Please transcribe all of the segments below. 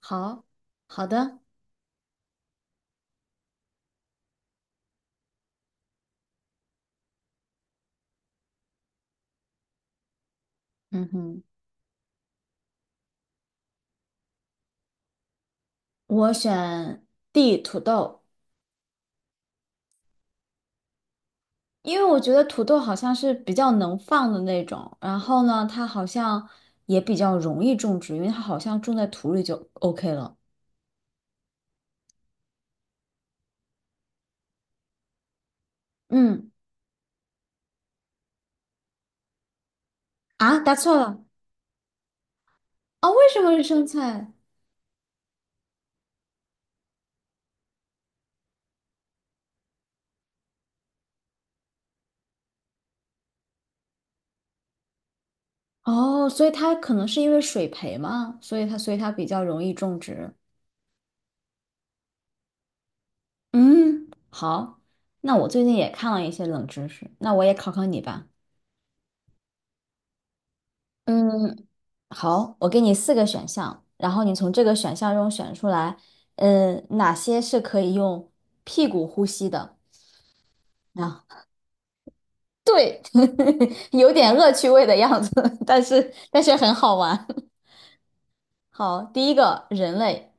好好的，嗯哼，我选 D 土豆。因为我觉得土豆好像是比较能放的那种，然后呢，它好像也比较容易种植，因为它好像种在土里就 OK 了。嗯，啊，答错了，哦，为什么是生菜？哦，所以它可能是因为水培嘛，所以它比较容易种植。嗯，好，那我最近也看了一些冷知识，那我也考考你吧。嗯，好，我给你四个选项，然后你从这个选项中选出来，嗯，哪些是可以用屁股呼吸的？啊，对，有点恶趣味的样子，但是很好玩。好，第一个人类，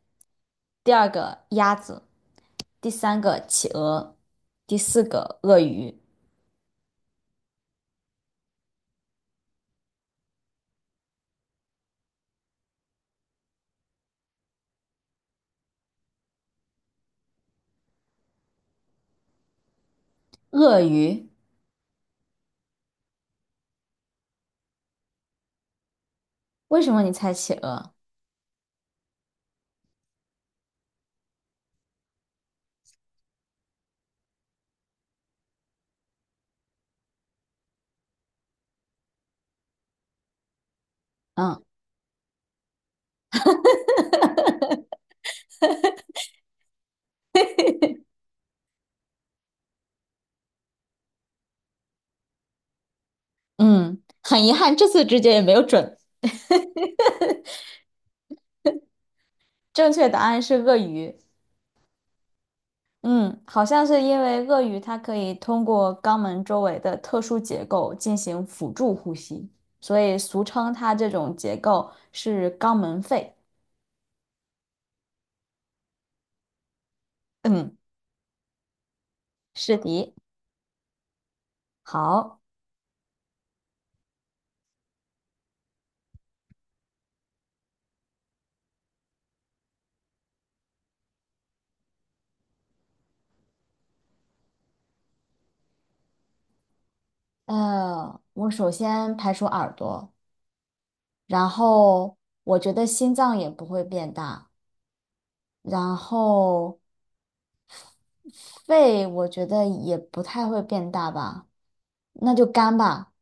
第二个鸭子，第三个企鹅，第四个鳄鱼。鳄鱼。为什么你猜企鹅？嗯嗯，很遗憾，这次直觉也没有准。正确答案是鳄鱼。嗯，好像是因为鳄鱼它可以通过肛门周围的特殊结构进行辅助呼吸，所以俗称它这种结构是肛门肺。嗯，是的。好，我首先排除耳朵，然后我觉得心脏也不会变大，然后肺我觉得也不太会变大吧，那就肝吧。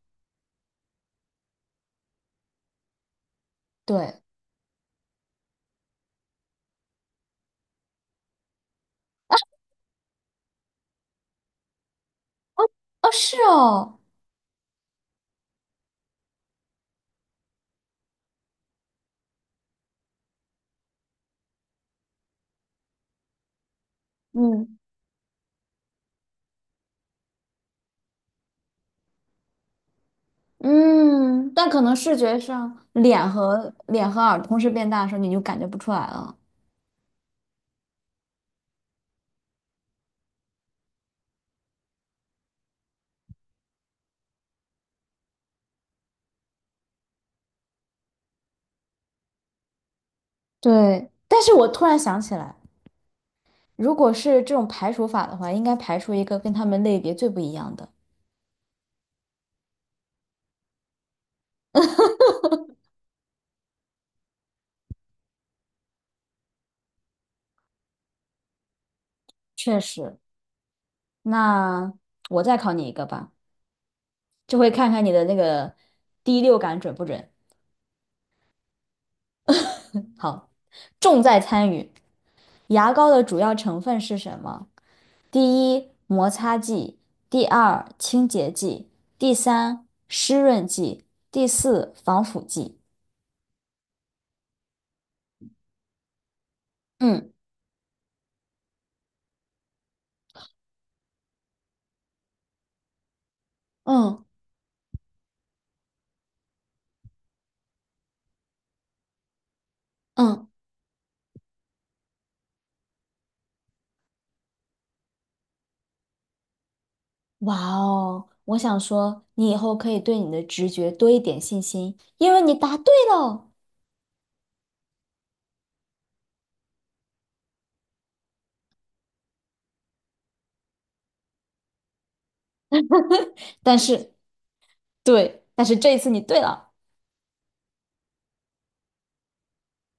对。哦，是哦，嗯。嗯，但可能视觉上，脸和耳同时变大的时候，你就感觉不出来了。对，但是我突然想起来，如果是这种排除法的话，应该排除一个跟他们类别最不一样的。确实，那我再考你一个吧，这回看看你的那个第六感准不准。好，重在参与。牙膏的主要成分是什么？第一，摩擦剂；第二，清洁剂；第三，湿润剂；第四，防腐剂。嗯嗯嗯，哇哦！我想说，你以后可以对你的直觉多一点信心，因为你答对了。但是，对，但是这一次你对了。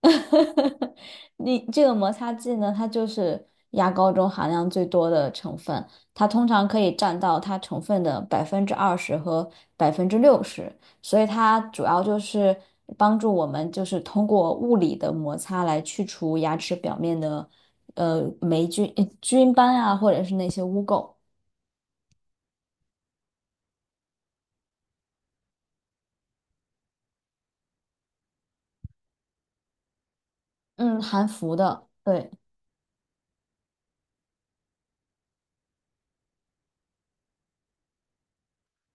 你这个摩擦剂呢，它就是牙膏中含量最多的成分，它通常可以占到它成分的百分之二十和百分之六十，所以它主要就是帮助我们就是通过物理的摩擦来去除牙齿表面的霉菌、菌斑啊，或者是那些污垢。嗯，含氟的，对，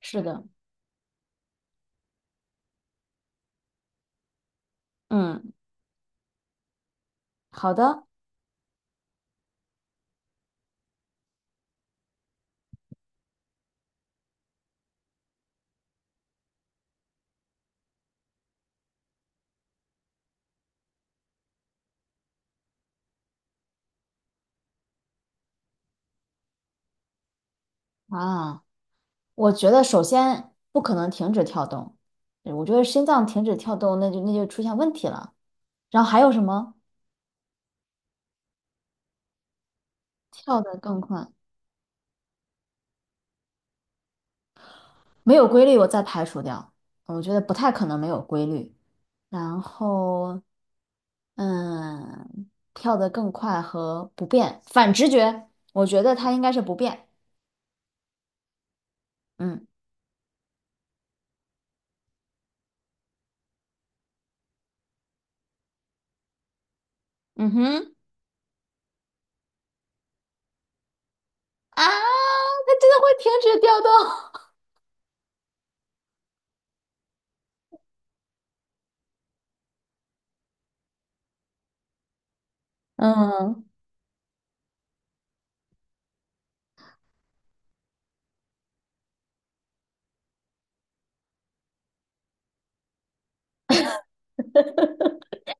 是的，嗯，好的啊。我觉得首先不可能停止跳动，对我觉得心脏停止跳动，那就出现问题了。然后还有什么？跳得更快，没有规律，我再排除掉。我觉得不太可能没有规律。然后，嗯，跳得更快和不变，反直觉，我觉得它应该是不变。嗯嗯哼，啊，它真的会停止跳动。嗯，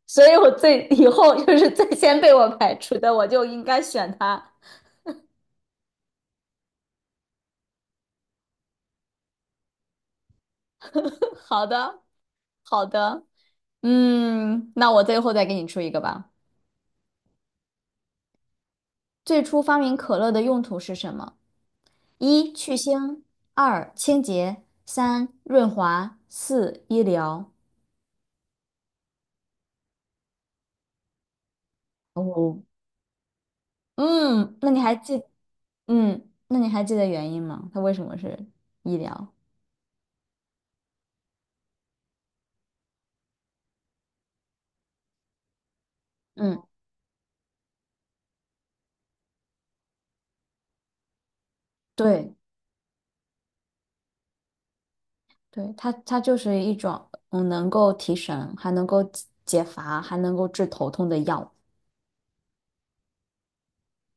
所以我最以后就是最先被我排除的，我就应该选它。好的，好的，嗯，那我最后再给你出一个吧。最初发明可乐的用途是什么？一、去腥；二、清洁；三、润滑；四、医疗。哦，嗯，那你还记，嗯，那你还记得原因吗？它为什么是医疗？嗯，对，对，它它就是一种嗯能够提神，还能够解解乏，还能够治头痛的药。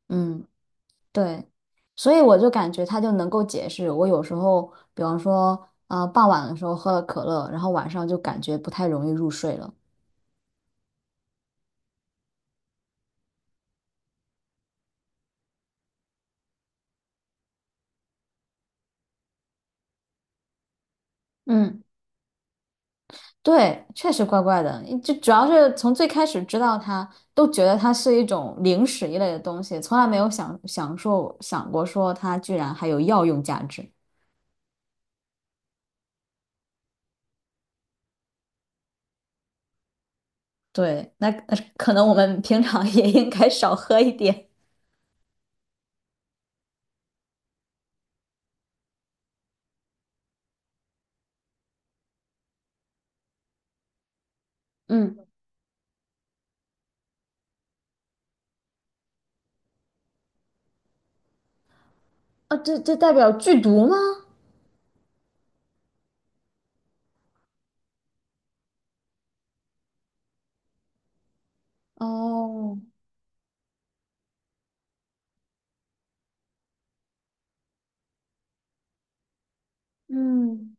嗯。对，所以我就感觉他就能够解释，我有时候，比方说，傍晚的时候喝了可乐，然后晚上就感觉不太容易入睡了。嗯对，确实怪怪的，就主要是从最开始知道它，都觉得它是一种零食一类的东西，从来没有想过说它居然还有药用价值。对，那可能我们平常也应该少喝一点。嗯啊，这这代表剧毒吗？哦。嗯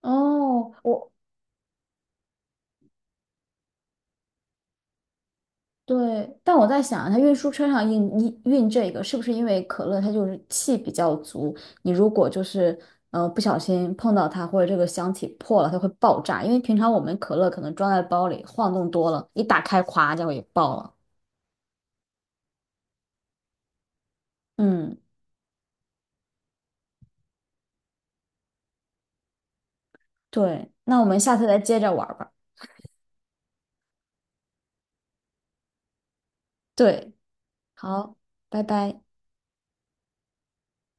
哦，我对，但我在想，它运输车上运这个，是不是因为可乐它就是气比较足？你如果就是不小心碰到它，或者这个箱体破了，它会爆炸。因为平常我们可乐可能装在包里，晃动多了，一打开，咵，就给爆了。嗯，对，那我们下次再接着玩儿吧。对，好，拜拜。